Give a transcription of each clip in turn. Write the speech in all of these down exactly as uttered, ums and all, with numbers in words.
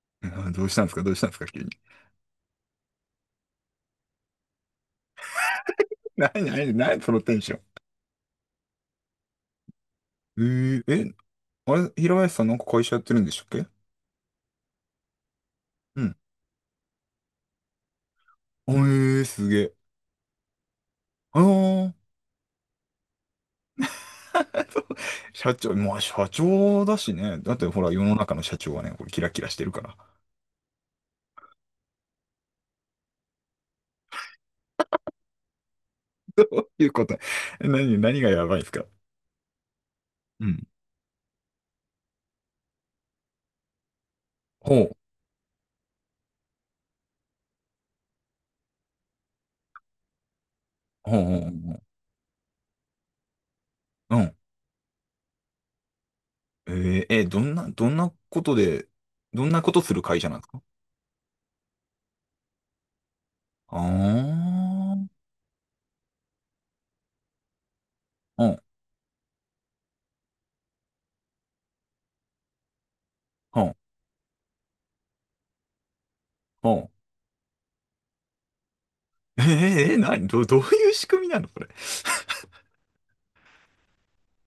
あ、どうしたんですか、どうしたんですか、急に。なになになに、そのテンション。えー、え、あれ、平林さんなんか会社やってるんでしたっけ？うん。あ、えー、すげえ。あー。 そう、社長、まあ社長だしね。だってほら、世の中の社長はね、これキラキラしてるから。どういうこと？何、何がやばいんですか？うん。ほう、ほう、ほう、ほう。うん。えー、えーどんな、どんなことで、どんなことする会社なんですか？ああー、ほう、ほう、ほう。えええ、何ど、どういう仕組みなのそれ。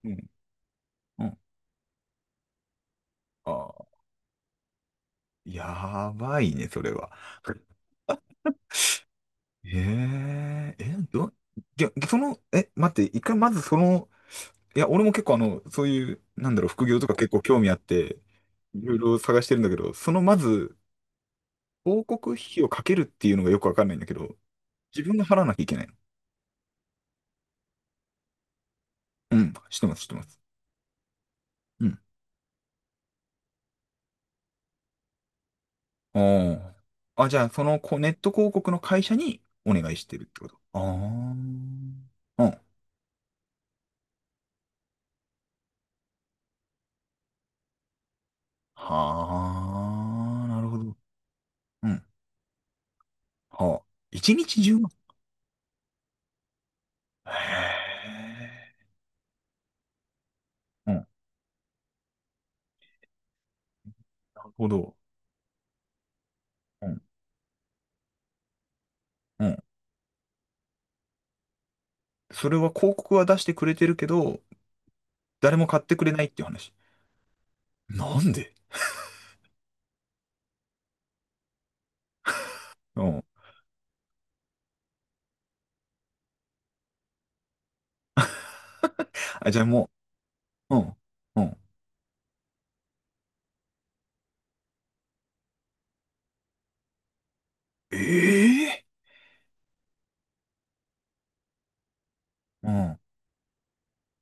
うん。うん。ああ、やばいね、それは。えええ、ど、ぎゃ、その、え、待って、一回まずその、いや、俺も結構あの、そういう、なんだろう、副業とか結構興味あって、いろいろ探してるんだけど、そのまず、広告費をかけるっていうのがよくわかんないんだけど、自分が払わなきゃいけないの？うん、知ってます、知ってます。うん。ああ。あ、じゃあ、そのこネット広告の会社にお願いしてるってこと。ああー。うん。はあ、なるほど。うん。はあ。一日じゅうまん。へえ。うん。なるほど。うん。うん。それは広告は出してくれてるけど、誰も買ってくれないっていう話。なんで？うん。あ、じゃあもう、うん。うん。ええ。うん。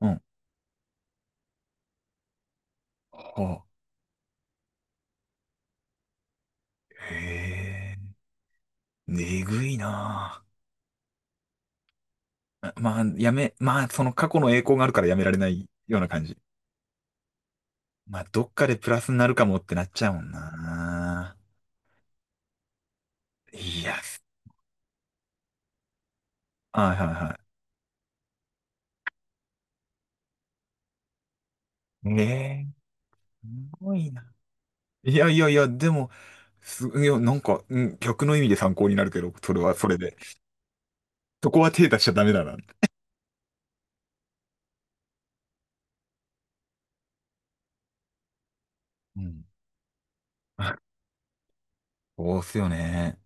うん。はあ。へえ。ねぐいなあ。まあ、やめ、まあ、その過去の栄光があるからやめられないような感じ。まあ、どっかでプラスになるかもってなっちゃうもんな。いや、はいはいはい。ええ、すごいな。いやいやいや、でも、す、いや、なんか、うん、逆の意味で参考になるけど、それはそれで。そこは手出しちゃダメだな。うん。そうっすよね。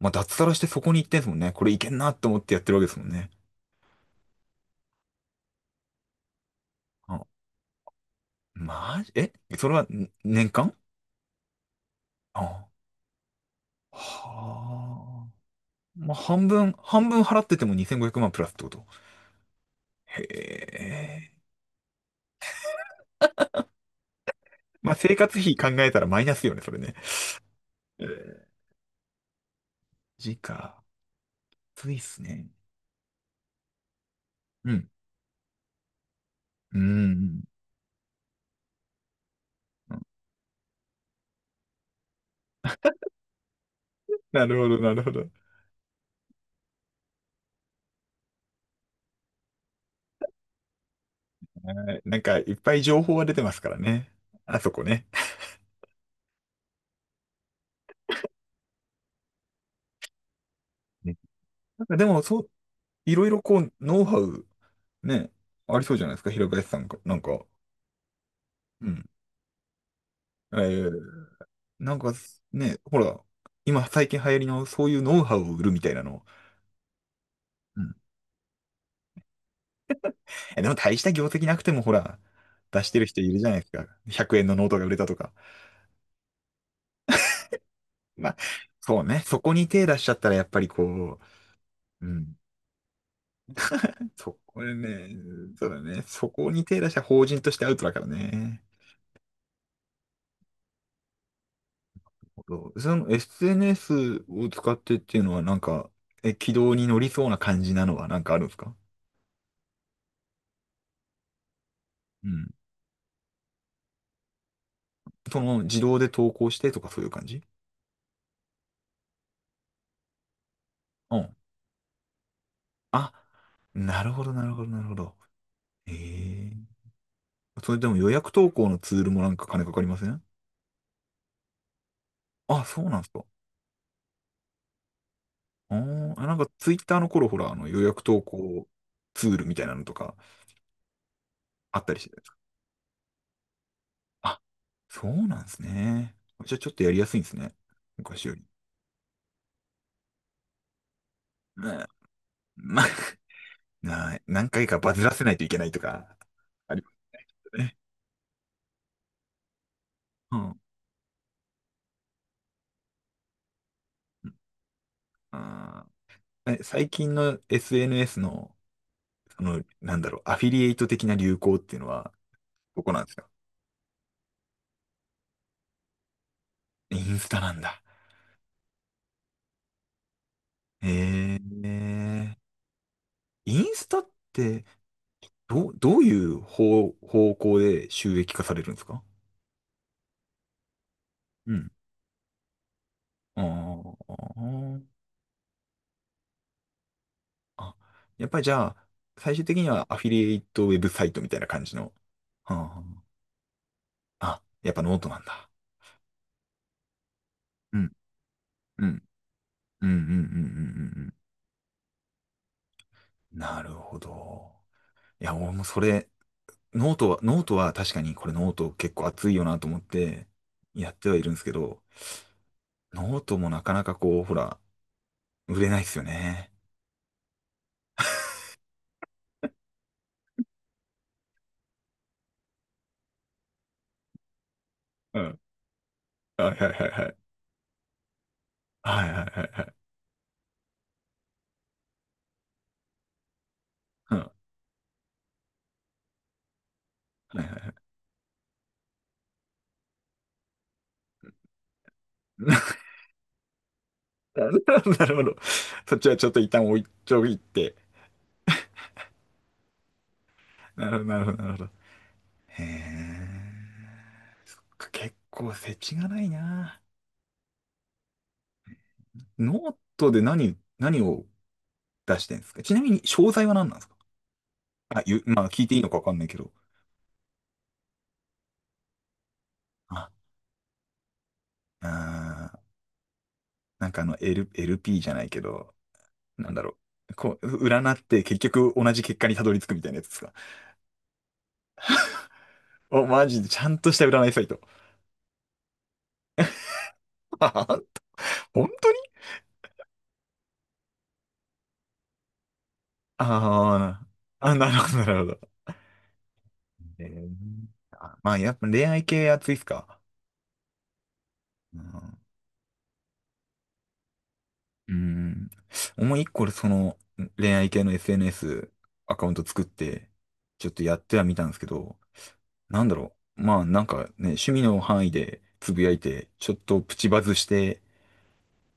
まあ、脱サラしてそこに行ってんすもんね。これいけんなって思ってやってるわけですもんね。あ、マジ、え、それは、ん年間？あ、はあ。まあ、半分、半分払っててもにせんごひゃくまんプラスってこと。へえ。まあ、生活費考えたらマイナスよね、それね。えーマジついっすね。うん。うん。なるほど、なるほど。はい。なんか、いっぱい情報が出てますからね。あ、そこね。ね、なんかでも、そう、いろいろこう、ノウハウ、ね、ありそうじゃないですか、平林さんが。なんか、うん。えー、なんか、ね、ほら、今最近流行りのそういうノウハウを売るみたいなの。うん。え、でも大した業績なくても、ほら、出してる人いるじゃないですか。ひゃくえんのノートが売れたとか。まあ、そうね、そこに手出しちゃったら、やっぱりこう、うん。そこれね、そうだね。そこに手出した法人としてアウトだからね。そう、その エスエヌエス を使ってっていうのはなんか、え、軌道に乗りそうな感じなのはなんかあるんですか？うん。その自動で投稿してとかそういう感じ？うん。あ、なるほど、なるほど、なるほど。ええ、それでも予約投稿のツールもなんか金かかりません？あ、そうなんですか。あーあ、なんかツイッターの頃ほら、あの予約投稿ツールみたいなのとかあったりしてたじゃないですか。そうなんですね。じゃあちょっとやりやすいんですね。昔より。まあ、まあ、な何回かバズらせないといけないとか、ありますよね。うん。あー、え、最近の エスエヌエス の、その、なんだろう、アフィリエイト的な流行っていうのは、どこなんですか？インスタなんだ。えー、インスタって、どう、どういう方、方向で収益化されるんですか？うん。ああ、あ、やっぱりじゃあ、最終的にはアフィリエイトウェブサイトみたいな感じの。はあ、はあ、あ、やっぱノートなんだ。うん、うん、うん、うん、うん、うんうんうん。なるほど。いや、俺もそれ、ノートは、ノートは確かにこれノート結構熱いよなと思ってやってはいるんですけど、ノートもなかなかこう、ほら、売れないですよね。うん。はいはいはいはい。はいはいはいはい。うんはいはいはい。 なるほど。そっちはちょっと一旦置いといって。なるほど、なるほど、なるほど。へえ。結構世知がないな。ノートで何、何を出してんですか？ちなみに詳細は何なんですか？あ、ゆ、まあ聞いていいのかわかんないけど。あ、あー、なんかあの、L、エルピ p じゃないけど、なんだろう。こう、占って結局同じ結果にたどり着くみたいなやつですか？お、マジでちゃんとした占いサイト。本当に？ああー、あ、なるほど、なるほど。えーあ、まあ、やっぱ恋愛系熱いっすか？うんうん。お前一個その恋愛系の エスエヌエス アカウント作って、ちょっとやってはみたんですけど、なんだろう。まあなんかね、趣味の範囲でつぶやいて、ちょっとプチバズして、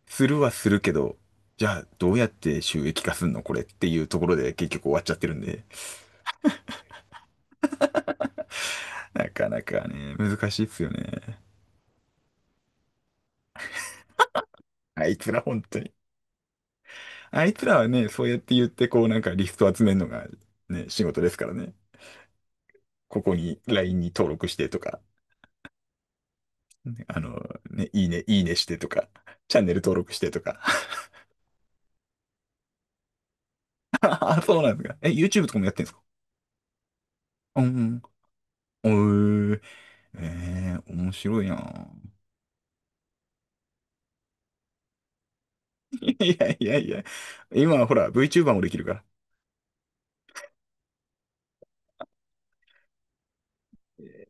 するはするけど、じゃあどうやって収益化すんのこれっていうところで結局終わっちゃってるんで、なかなかね、難しいっすよね。あいつら本当に。あいつらはね、そうやって言ってこうなんかリスト集めるのがね、仕事ですからね。ここに ライン に登録してとか。ね、あの、ね、いいね、いいねしてとか、チャンネル登録してとか。あ、そうなんですか。え、YouTube とかもやってんですか？うんうん。おー、えー、面白いなぁ。いやいやいや、今はほら、VTuber もできるから。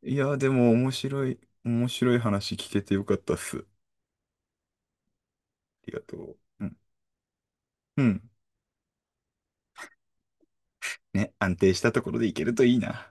いや、でも面白い、面白い話聞けてよかったっす。ありがとう。うん。うん。ね、安定したところでいけるといいな。